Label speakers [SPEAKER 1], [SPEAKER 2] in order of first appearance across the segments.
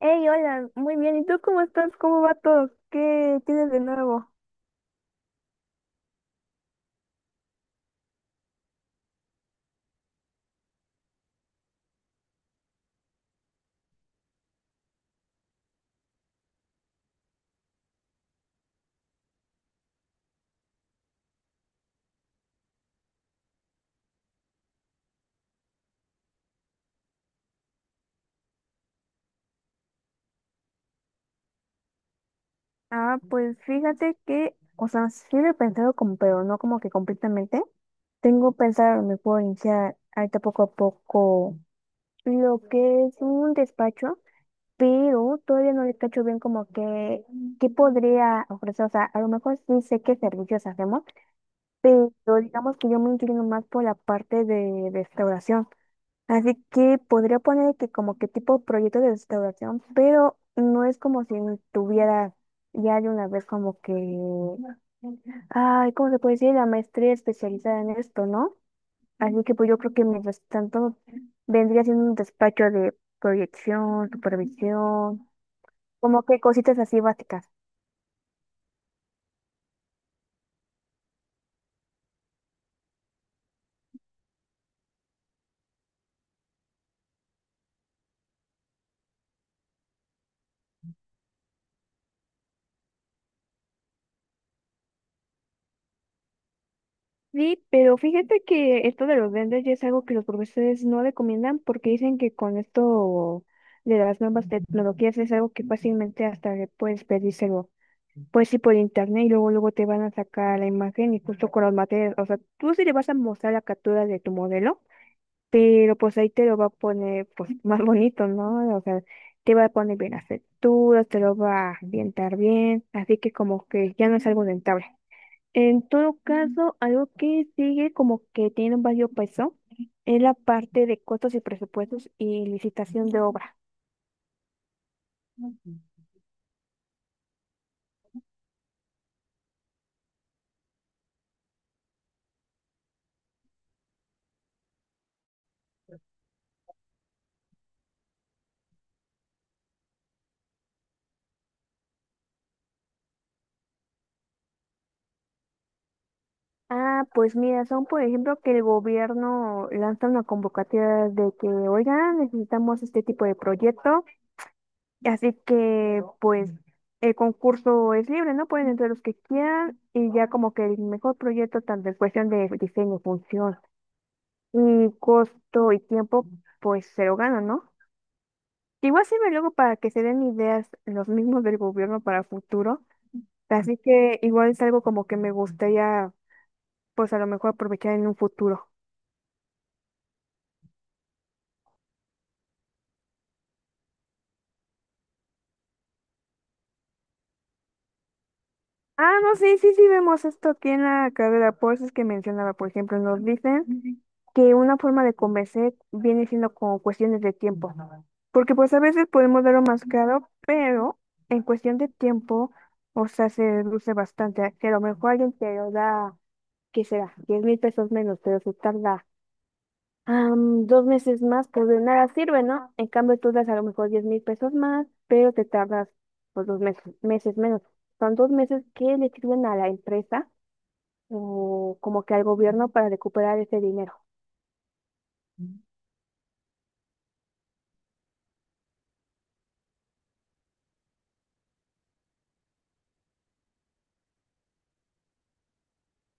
[SPEAKER 1] Hey, hola, muy bien. ¿Y tú cómo estás? ¿Cómo va todo? ¿Qué tienes de nuevo? Ah, pues fíjate que, o sea, sí lo he pensado como, pero no como que completamente. Tengo pensado, me puedo iniciar ahorita poco a poco lo que es un despacho, pero todavía no le cacho bien como que, ¿qué podría ofrecer? O sea, a lo mejor sí sé qué servicios hacemos, pero digamos que yo me inclino más por la parte de restauración. Así que podría poner que como que tipo proyecto de restauración, pero no es como si tuviera ya de una vez como que, ay, ¿cómo se puede decir? La maestría especializada en esto, ¿no? Así que pues yo creo que mientras tanto vendría siendo un despacho de proyección, supervisión, como que cositas así básicas. Sí, pero fíjate que esto de los duendes ya es algo que los profesores no recomiendan porque dicen que con esto de las nuevas tecnologías es algo que fácilmente hasta le puedes pedírselo, pues sí por internet y luego luego te van a sacar la imagen y justo con los materiales, o sea, tú sí le vas a mostrar la captura de tu modelo, pero pues ahí te lo va a poner pues más bonito, ¿no? O sea, te va a poner bien las texturas, te lo va a ambientar bien, así que como que ya no es algo rentable. En todo caso, algo que sigue como que tiene un valor peso es la parte de costos y presupuestos y licitación de obra. Ah, pues mira, son por ejemplo que el gobierno lanza una convocatoria de que, oigan, necesitamos este tipo de proyecto, así que pues el concurso es libre, ¿no? Pueden entrar los que quieran y ya como que el mejor proyecto, tanto en cuestión de diseño, función y costo y tiempo, pues se lo ganan, ¿no? Igual sirve luego para que se den ideas los mismos del gobierno para el futuro. Así que igual es algo como que me gustaría, pues a lo mejor aprovechar en un futuro. Ah, no, sí, sí, sí, vemos esto aquí en la carrera. Por eso es que mencionaba, por ejemplo, nos dicen que una forma de convencer viene siendo con cuestiones de tiempo. Porque pues a veces podemos darlo más caro, pero en cuestión de tiempo, o sea, se reduce bastante. Que a lo mejor alguien te lo da, ¿qué será? 10,000 pesos menos, pero se tarda 2 meses más, pues de nada sirve, ¿no? En cambio, tú das a lo mejor 10,000 pesos más, pero te tardas pues dos meses menos. Son 2 meses que le sirven a la empresa o como que al gobierno para recuperar ese dinero.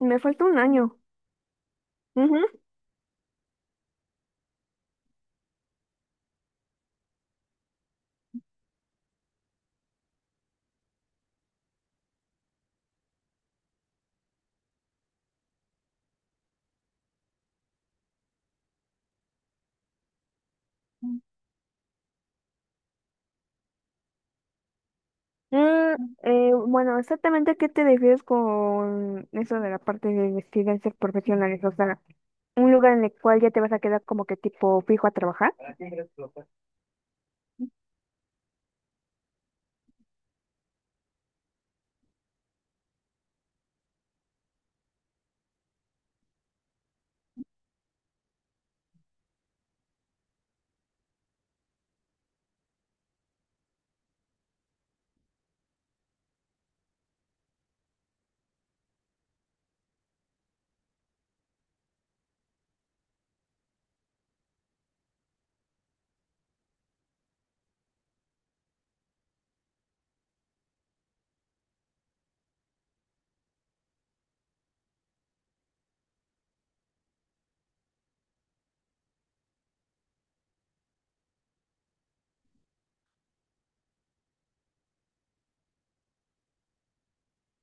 [SPEAKER 1] Me falta un año. Ujú. Mm, bueno, exactamente qué te refieres con eso de la parte de residencias profesionales, o sea, un lugar en el cual ya te vas a quedar como que tipo fijo a trabajar.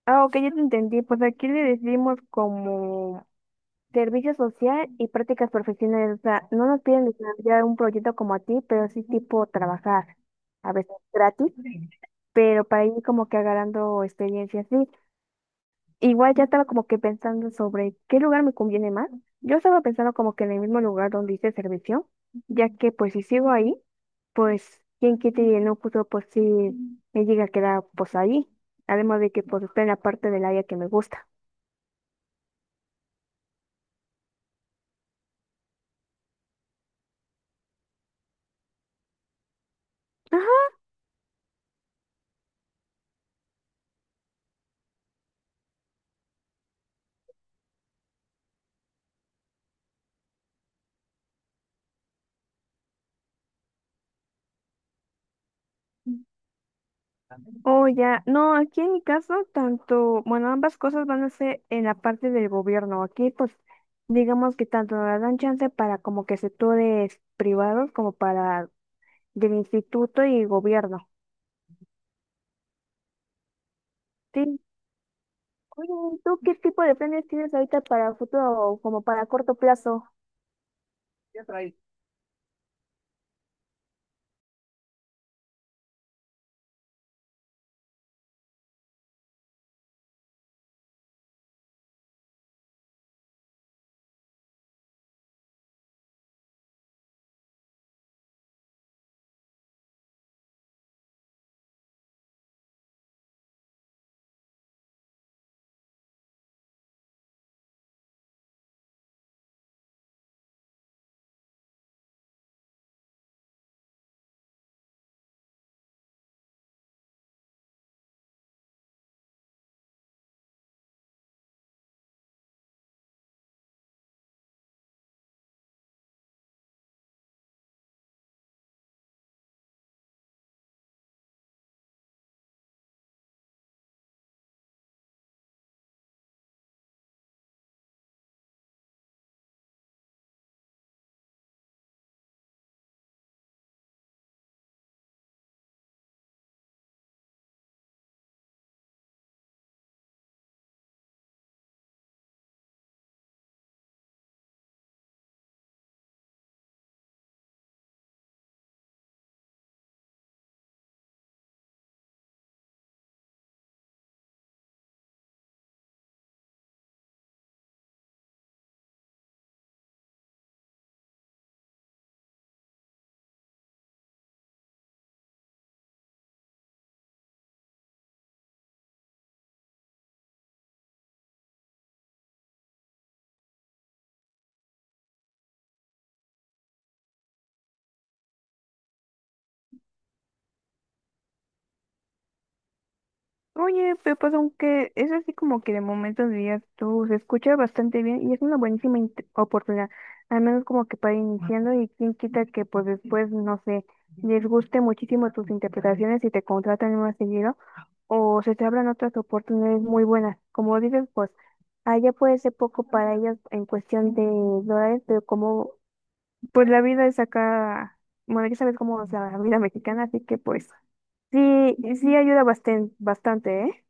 [SPEAKER 1] Ah, ok, ya te entendí, pues aquí le decimos como servicio social y prácticas profesionales. O sea, no nos piden desarrollar un proyecto como a ti, pero sí tipo trabajar, a veces gratis, pero para ir como que agarrando experiencia sí. Igual ya estaba como que pensando sobre qué lugar me conviene más. Yo estaba pensando como que en el mismo lugar donde hice servicio, ya que pues si sigo ahí, pues quién quita y en un futuro pues sí me llega a quedar pues ahí. Además de que pues está en la parte del área que me gusta. Ajá. Oh, ya. No, aquí en mi caso, tanto, bueno, ambas cosas van a ser en la parte del gobierno. Aquí, pues, digamos que tanto nos dan chance para como que sectores privados como para del instituto y gobierno. Sí. Oye, ¿tú qué tipo de planes tienes ahorita para futuro o como para corto plazo? Oye, Pepa, aunque es así como que de momentos días tú se escucha bastante bien y es una buenísima oportunidad, al menos como que para iniciando y quién quita que pues después, no sé, les guste muchísimo tus interpretaciones y te contratan más seguido o se te abran otras oportunidades muy buenas. Como dices, pues allá puede ser poco para ellas en cuestión de dólares, pero como pues la vida es acá, bueno, ya sabes cómo es la vida mexicana, así que pues sí, sí ayuda bastante, bastante, ¿eh?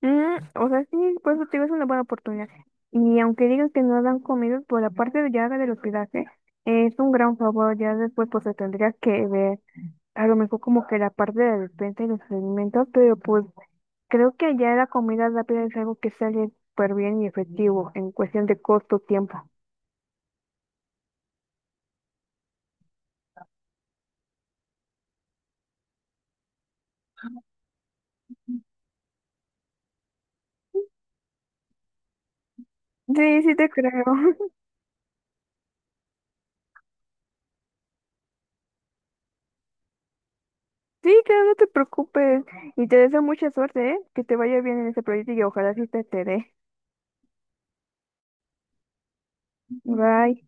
[SPEAKER 1] Mm, o sea, sí, por eso te digo, es una buena oportunidad. Y aunque digas que no dan comidas, por la parte de ya del hospedaje, es un gran favor. Ya después, pues se tendría que ver a lo mejor como que la parte de la despensa y los alimentos, pero pues creo que ya la comida rápida es algo que sale súper bien y efectivo en cuestión de costo, tiempo. Sí, sí te creo. Sí, claro, no te preocupes. Y te deseo mucha suerte, ¿eh? Que te vaya bien en ese proyecto y ojalá sí te dé. Bye.